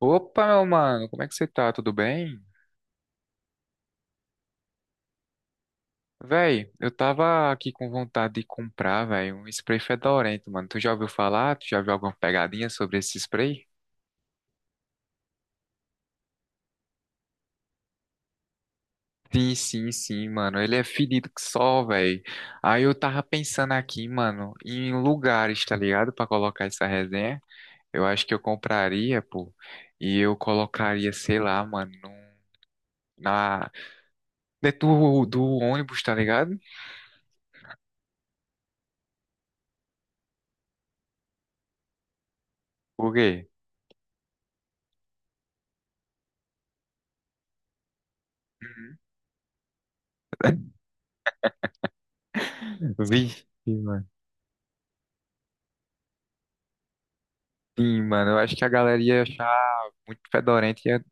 Opa, meu mano, como é que você tá? Tudo bem? Véi, eu tava aqui com vontade de comprar, véi, um spray fedorento, mano. Tu já ouviu falar? Tu já viu alguma pegadinha sobre esse spray? Sim, sim, sim, mano. Ele é fedido que só, véi. Aí eu tava pensando aqui, mano, em lugares, tá ligado? Pra colocar essa resenha. Eu acho que eu compraria, pô. E eu colocaria, sei lá, mano, na... dentro do ônibus, tá ligado? Por quê? Vixe, mano. Sim, mano, eu acho que a galera ia achar muito fedorento, ia,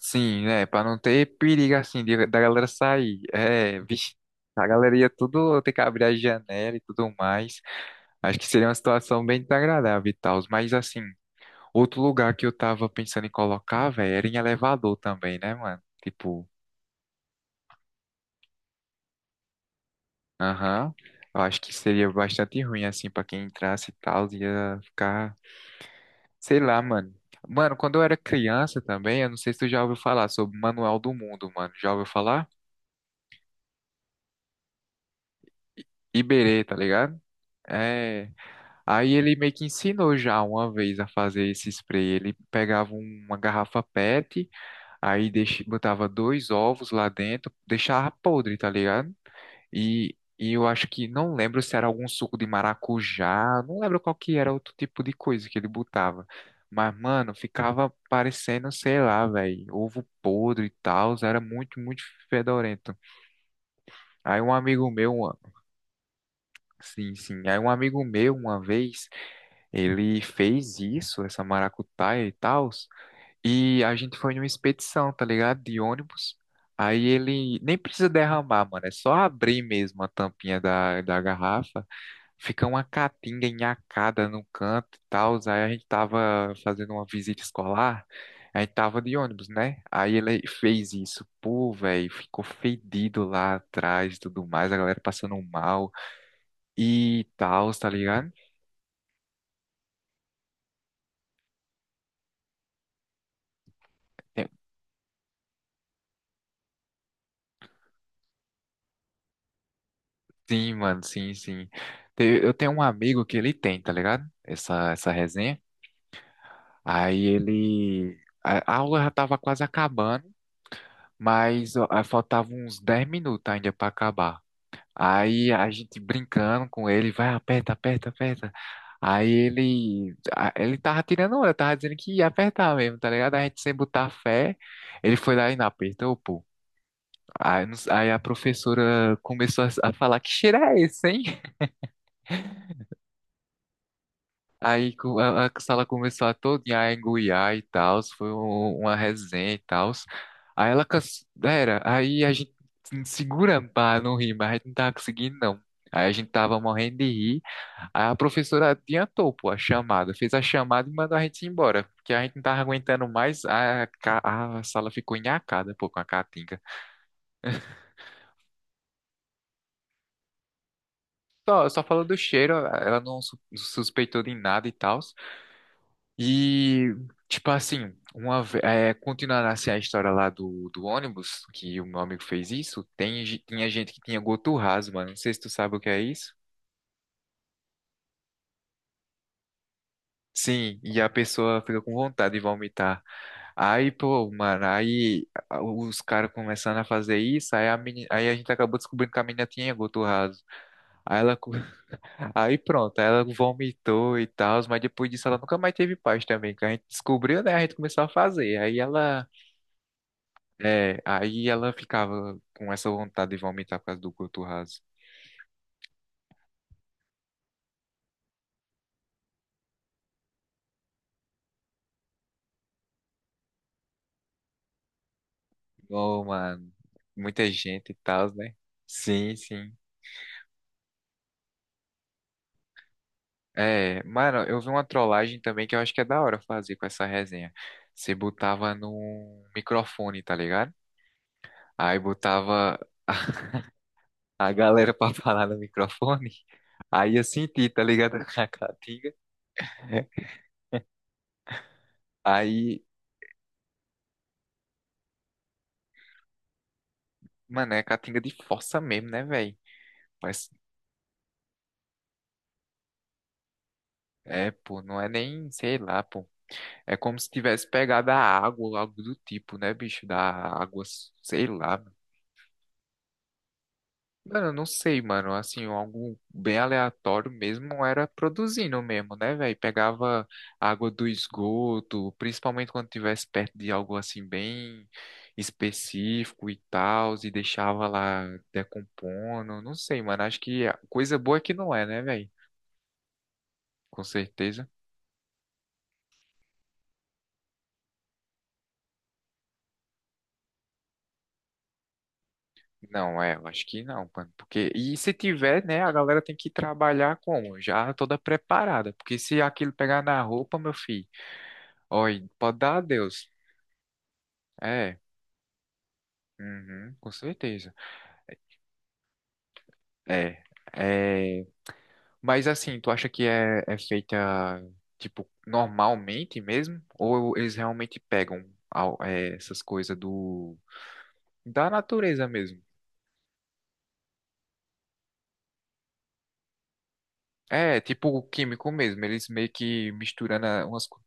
sim, né, pra não ter perigo, assim, da galera sair, é, vixe, a galera ia tudo ter que abrir a janela e tudo mais, acho que seria uma situação bem desagradável e tal, mas, assim, outro lugar que eu tava pensando em colocar, velho, era em elevador também, né, mano, tipo, aham, eu acho que seria bastante ruim, assim, pra quem entrasse e tal, ia ficar. Sei lá, mano. Mano, quando eu era criança também, eu não sei se tu já ouviu falar sobre o Manual do Mundo, mano. Já ouviu falar? Iberê, tá ligado? É. Aí ele meio que ensinou já uma vez a fazer esse spray. Ele pegava uma garrafa PET, aí botava dois ovos lá dentro, deixava podre, tá ligado? E eu acho que não lembro se era algum suco de maracujá, não lembro qual que era outro tipo de coisa que ele botava. Mas, mano, ficava parecendo, sei lá, velho, ovo podre e tal, era muito, muito fedorento. Aí um amigo meu, uma- Sim, sim, aí um amigo meu, uma vez, ele fez isso, essa maracutaia e tal, e a gente foi numa expedição, tá ligado? De ônibus. Aí ele nem precisa derramar, mano, é só abrir mesmo a tampinha da garrafa. Fica uma caatinga enhacada no canto e tal. Aí a gente tava fazendo uma visita escolar, a gente tava de ônibus, né? Aí ele fez isso. Pô, velho, ficou fedido lá atrás e tudo mais, a galera passando mal e tal, tá ligado? Tem- Sim, mano, sim, sim. Eu tenho um amigo que ele tem, tá ligado? Essa resenha. Aí ele. A aula já tava quase acabando, mas ó, faltava uns 10 minutos ainda pra acabar. Aí a gente brincando com ele, vai, aperta, aperta, aperta. Aí ele tava tirando onda, tava dizendo que ia apertar mesmo, tá ligado? A gente sem botar fé, ele foi lá e não apertou, pô. Aí, não s- aí a professora começou a falar, que cheiro é esse, hein? A sala começou a todinha a engoiar e tal, foi uma resenha e tal. Aí ela, canse- era, aí a gente se segura pra não rir, mas a gente não tava conseguindo, não. Aí a gente tava morrendo de rir. Aí a professora adiantou, pô, a chamada, fez a chamada e mandou a gente ir embora, porque a gente não tava aguentando mais, a sala ficou enacada, pô, com a caatinga. Só falou do cheiro, ela não suspeitou de nada e tal. E, tipo assim, continuando assim a história lá do ônibus, que o meu amigo fez isso, tinha gente que tinha goturrazo, mano, não sei se tu sabe o que é isso. Sim, e a pessoa fica com vontade de vomitar. Aí, pô, mano, os caras começando a fazer isso, aí a gente acabou descobrindo que a menina tinha goto raso. Aí, ela, aí pronto, aí ela vomitou e tal, mas depois disso ela nunca mais teve paz também, que a gente descobriu, né? A gente começou a fazer. Aí ela ficava com essa vontade de vomitar por causa do goto raso. Ô, mano, muita gente e tal, né? Sim, sim. É, mano, eu vi uma trollagem também que eu acho que é da hora fazer com essa resenha. Você botava num microfone, tá ligado? Aí botava a galera pra falar no microfone. Aí eu senti, tá ligado? A caatinga. Aí, mano, é caatinga de força mesmo, né, velho? Mas é, pô, não é nem, sei lá, pô. É como se tivesse pegado a água, ou algo do tipo, né, bicho? Da água, sei lá. Mano, eu não sei, mano. Assim, algo bem aleatório mesmo era produzindo mesmo, né, velho? Pegava água do esgoto, principalmente quando tivesse perto de algo assim bem específico e tal, e deixava lá decompondo. Não sei, mano. Acho que a coisa boa é que não é, né, velho? Com certeza. Não é, eu acho que não, mano. Porque e se tiver, né, a galera tem que trabalhar como? Já toda preparada, porque se aquilo pegar na roupa, meu filho, olha, pode dar adeus. É. Uhum, com certeza. É, é, mas assim, tu acha que é feita tipo normalmente mesmo? Ou eles realmente pegam essas coisas do da natureza mesmo? É, tipo o químico mesmo, eles meio que misturando umas coisas.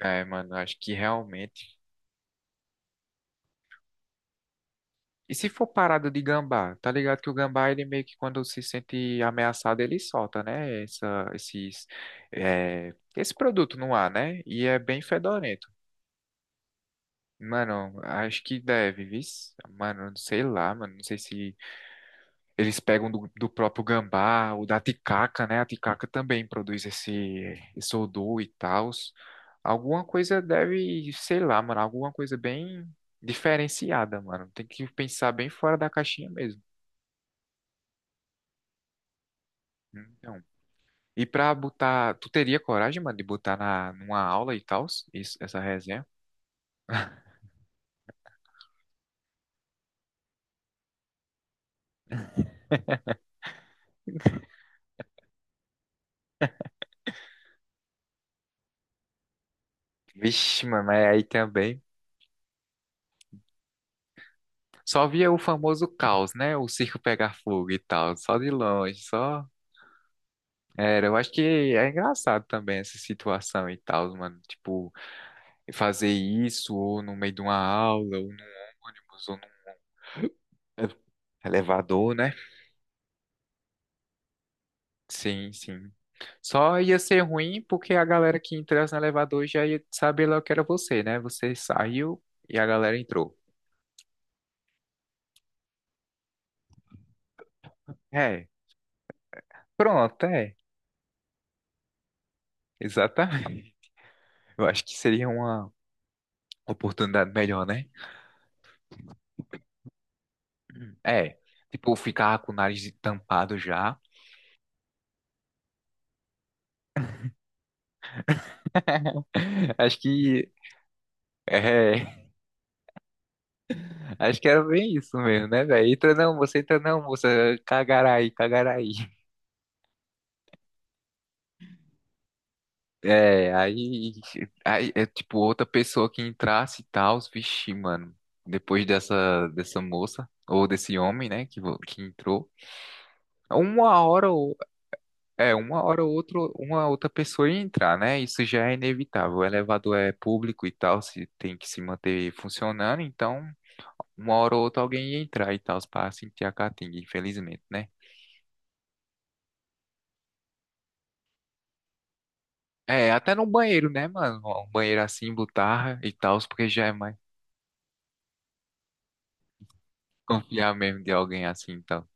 É, mano, acho que realmente. E se for parada de gambá, tá ligado que o gambá, ele meio que quando se sente ameaçado, ele solta, né? Esse produto no ar, né? E é bem fedorento. Mano, acho que deve, vis. Mano, sei lá, mano. Não sei se eles pegam do próprio gambá ou da ticaca, né? A ticaca também produz esse odor e tal. Alguma coisa deve, sei lá, mano. Alguma coisa bem diferenciada, mano. Tem que pensar bem fora da caixinha mesmo. Então, e pra botar, tu teria coragem, mano, de botar numa aula e tal, essa resenha? Vixe, mano, mas aí também. Só via o famoso caos, né? O circo pegar fogo e tal, só de longe, só. Era, eu acho que é engraçado também essa situação e tal, mano. Tipo, fazer isso ou no meio de uma aula, ou num ônibus, ou num elevador, né? Sim, sim. Só ia ser ruim porque a galera que entrasse no elevador já ia saber logo que era você, né? Você saiu e a galera entrou. É, pronto, é, exatamente. Eu acho que seria uma oportunidade melhor, né? É, tipo, ficar com o nariz tampado já. Acho que é, acho que era bem isso mesmo, né, velho? Entra não, você entra não, moça, cagarai, cagarai. É, aí é tipo outra pessoa que entrasse e tal, vixi, mano. Depois dessa moça ou desse homem, né, que entrou. Uma hora ou É, uma hora ou outra, uma outra pessoa ia entrar, né? Isso já é inevitável. O elevador é público e tal, se tem que se manter funcionando, então uma hora ou outra alguém ia entrar e tal, para sentir a catinga, infelizmente, né? É, até no banheiro, né, mano? Um banheiro assim, botarra e tal, porque já é mais confiar mesmo de alguém assim, então.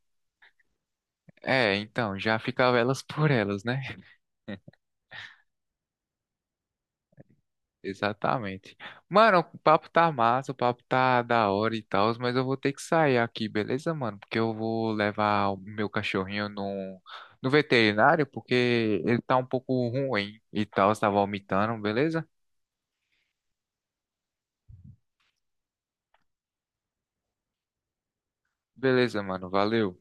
É, então, já ficava elas por elas, né? Exatamente. Mano, o papo tá massa, o papo tá da hora e tal, mas eu vou ter que sair aqui, beleza, mano? Porque eu vou levar o meu cachorrinho no veterinário, porque ele tá um pouco ruim e tal, tá vomitando, beleza? Beleza, mano, valeu.